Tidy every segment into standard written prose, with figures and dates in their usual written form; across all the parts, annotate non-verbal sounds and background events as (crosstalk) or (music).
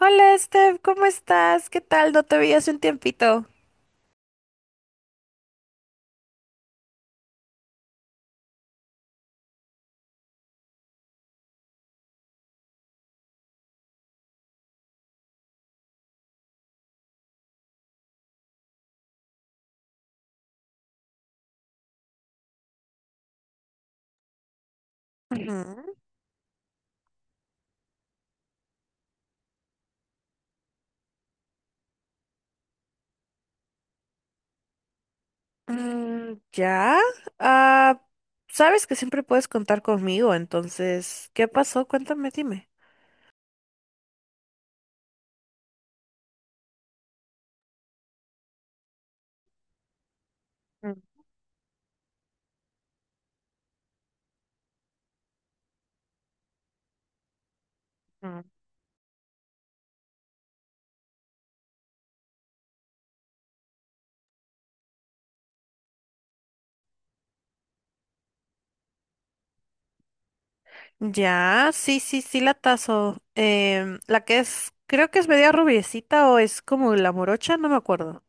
Hola, Steph, ¿cómo estás? ¿Qué tal? No te veía hace un tiempito. Ujú. Mm, ya. Ah, sabes que siempre puedes contar conmigo, entonces, ¿qué pasó? Cuéntame, dime. Mm. Ya, sí, sí, sí, la tazo. La que es, creo que es media rubiecita o es como la morocha, no me acuerdo.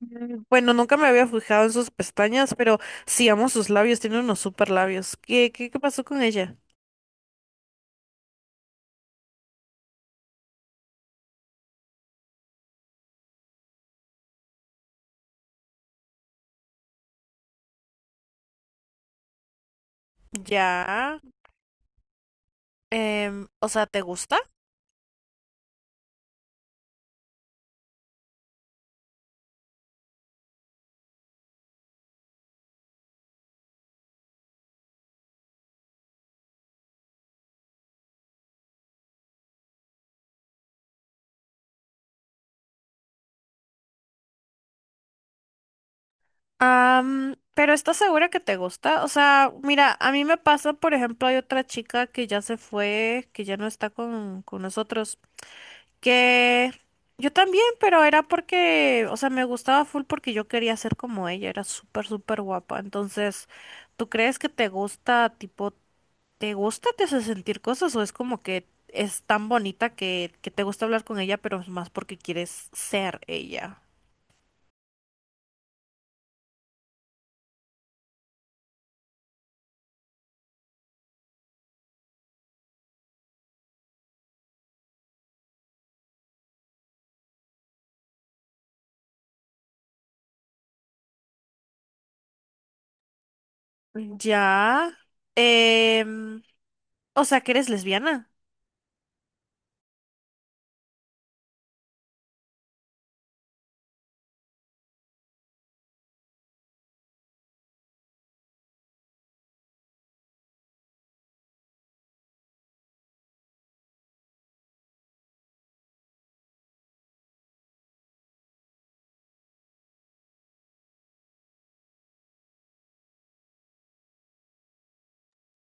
Mm, bueno, nunca me había fijado en sus pestañas, pero sí amo sus labios, tiene unos super labios. ¿Qué pasó con ella? Ya. O sea, ¿te gusta? Pero ¿estás segura que te gusta? O sea, mira, a mí me pasa, por ejemplo, hay otra chica que ya se fue, que ya no está con nosotros, que yo también, pero era porque, o sea, me gustaba full porque yo quería ser como ella, era súper, súper guapa. Entonces, ¿tú crees que te gusta tipo? ¿Te gusta, te hace sentir cosas o es como que es tan bonita que te gusta hablar con ella, pero es más porque quieres ser ella? Ya. em, o sea, que eres lesbiana.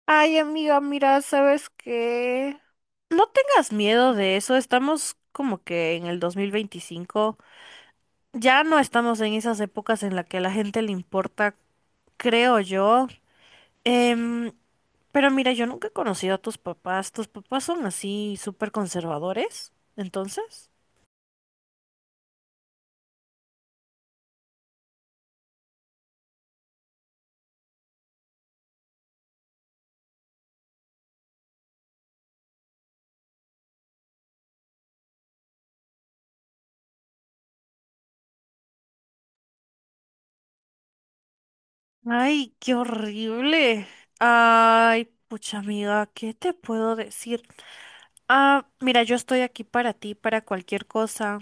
Ay, amiga, mira, ¿sabes qué? No tengas miedo de eso, estamos como que en el 2025, ya no estamos en esas épocas en las que a la gente le importa, creo yo. Em, Pero mira, yo nunca he conocido a tus papás. ¿Tus papás son así súper conservadores? Entonces. Ay, qué horrible. Ay, pucha amiga, ¿qué te puedo decir? Mira, yo estoy aquí para ti, para cualquier cosa.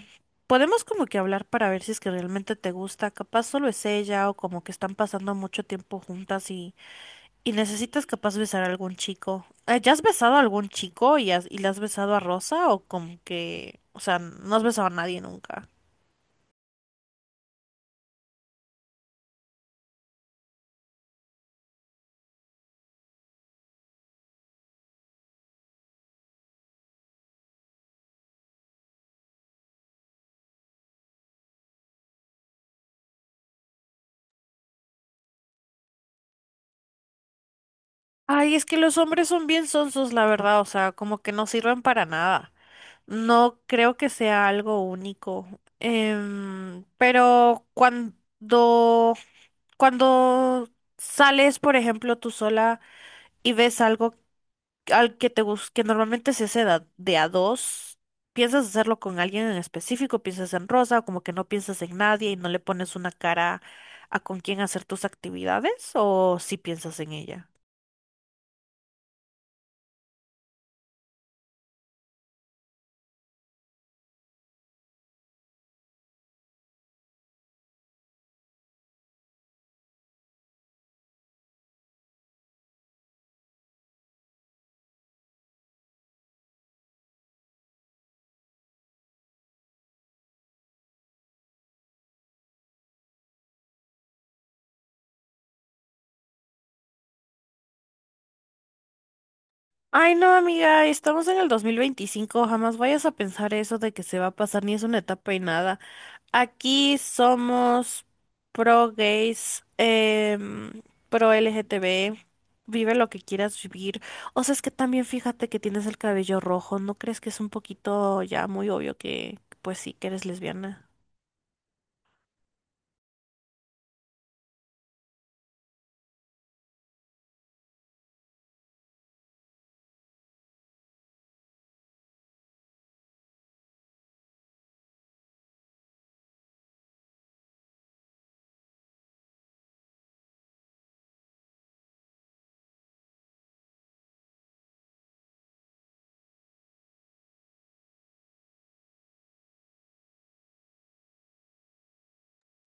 Podemos como que hablar para ver si es que realmente te gusta. Capaz solo es ella o como que están pasando mucho tiempo juntas. ¿Y necesitas capaz besar a algún chico? ¿Ya has besado a algún chico y, y le has besado a Rosa o como que, o sea, no has besado a nadie nunca? Ay, es que los hombres son bien sonsos, la verdad, o sea, como que no sirven para nada. No creo que sea algo único. Pero cuando sales, por ejemplo, tú sola y ves algo al que que normalmente se hace de a dos, ¿piensas hacerlo con alguien en específico? ¿Piensas en Rosa o como que no piensas en nadie y no le pones una cara a con quién hacer tus actividades o si piensas en ella? Ay, no, amiga, estamos en el dos mil veinticinco, jamás vayas a pensar eso de que se va a pasar ni es una etapa y nada. Aquí somos pro gays, pro LGTB, vive lo que quieras vivir. O sea, es que también fíjate que tienes el cabello rojo, ¿no crees que es un poquito ya muy obvio que, pues sí, que eres lesbiana?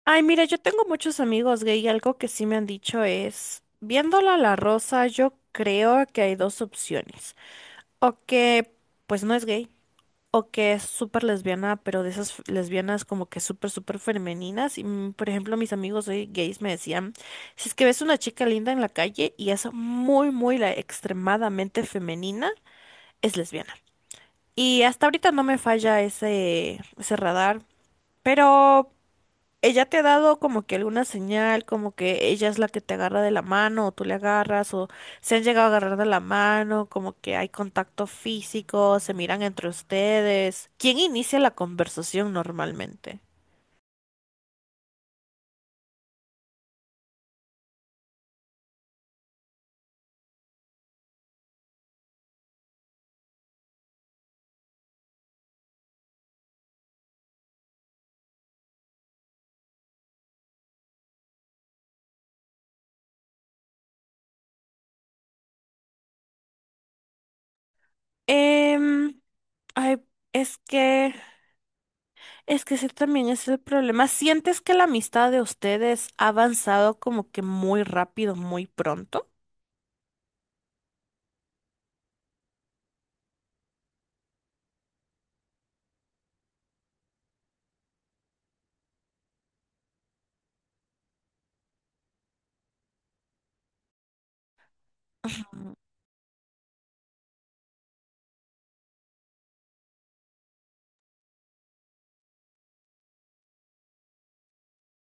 Ay, mira, yo tengo muchos amigos gay y algo que sí me han dicho es, viéndola a la Rosa, yo creo que hay dos opciones. O que, pues no es gay, o que es súper lesbiana, pero de esas lesbianas como que súper, súper femeninas. Y, mm, por ejemplo, mis amigos hoy gays me decían, si es que ves una chica linda en la calle y es muy, muy la extremadamente femenina, es lesbiana. Y hasta ahorita no me falla ese radar, pero ella te ha dado como que alguna señal, como que ella es la que te agarra de la mano o tú le agarras o se han llegado a agarrar de la mano, como que hay contacto físico, se miran entre ustedes. ¿Quién inicia la conversación normalmente? Em, ay, es que... Es que ese también es el problema. ¿Sientes que la amistad de ustedes ha avanzado como que muy rápido, muy pronto?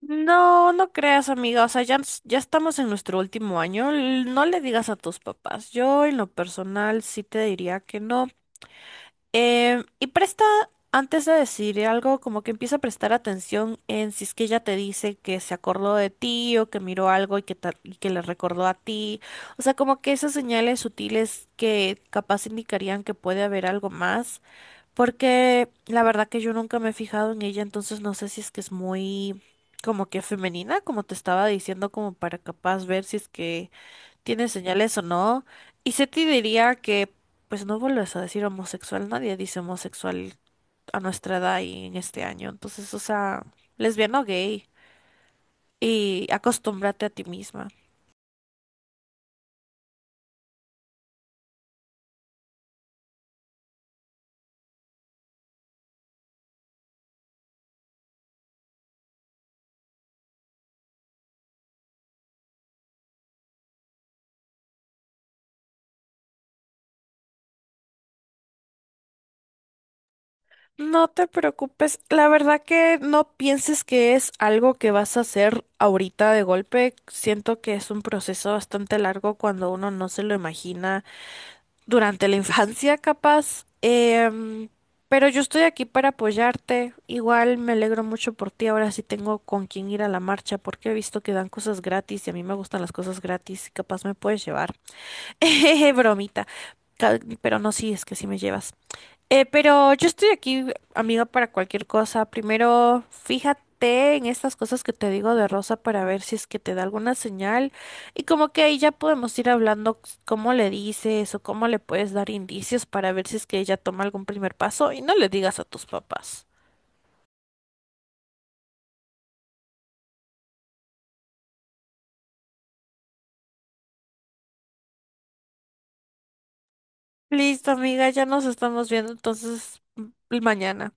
No, no creas, amiga. O sea, ya, ya estamos en nuestro último año. No le digas a tus papás. Yo, en lo personal, sí te diría que no. Y presta, antes de decir algo, como que empieza a prestar atención en si es que ella te dice que se acordó de ti o que miró algo y que, y que le recordó a ti. O sea, como que esas señales sutiles que capaz indicarían que puede haber algo más. Porque la verdad que yo nunca me he fijado en ella, entonces no sé si es que es muy como que femenina, como te estaba diciendo, como para capaz ver si es que tiene señales o no. Y se te diría que, pues no vuelves a decir homosexual, nadie dice homosexual a nuestra edad y en este año. Entonces, o sea, lesbiana o gay. Y acostúmbrate a ti misma. No te preocupes, la verdad que no pienses que es algo que vas a hacer ahorita de golpe. Siento que es un proceso bastante largo cuando uno no se lo imagina durante la infancia, capaz. Pero yo estoy aquí para apoyarte. Igual me alegro mucho por ti. Ahora sí tengo con quién ir a la marcha porque he visto que dan cosas gratis y a mí me gustan las cosas gratis y capaz me puedes llevar. (laughs) Bromita. Pero no, sí, es que sí me llevas. Pero yo estoy aquí, amiga, para cualquier cosa. Primero, fíjate en estas cosas que te digo de Rosa para ver si es que te da alguna señal. Y como que ahí ya podemos ir hablando cómo le dices o cómo le puedes dar indicios para ver si es que ella toma algún primer paso y no le digas a tus papás. Listo, amiga, ya nos estamos viendo entonces mañana.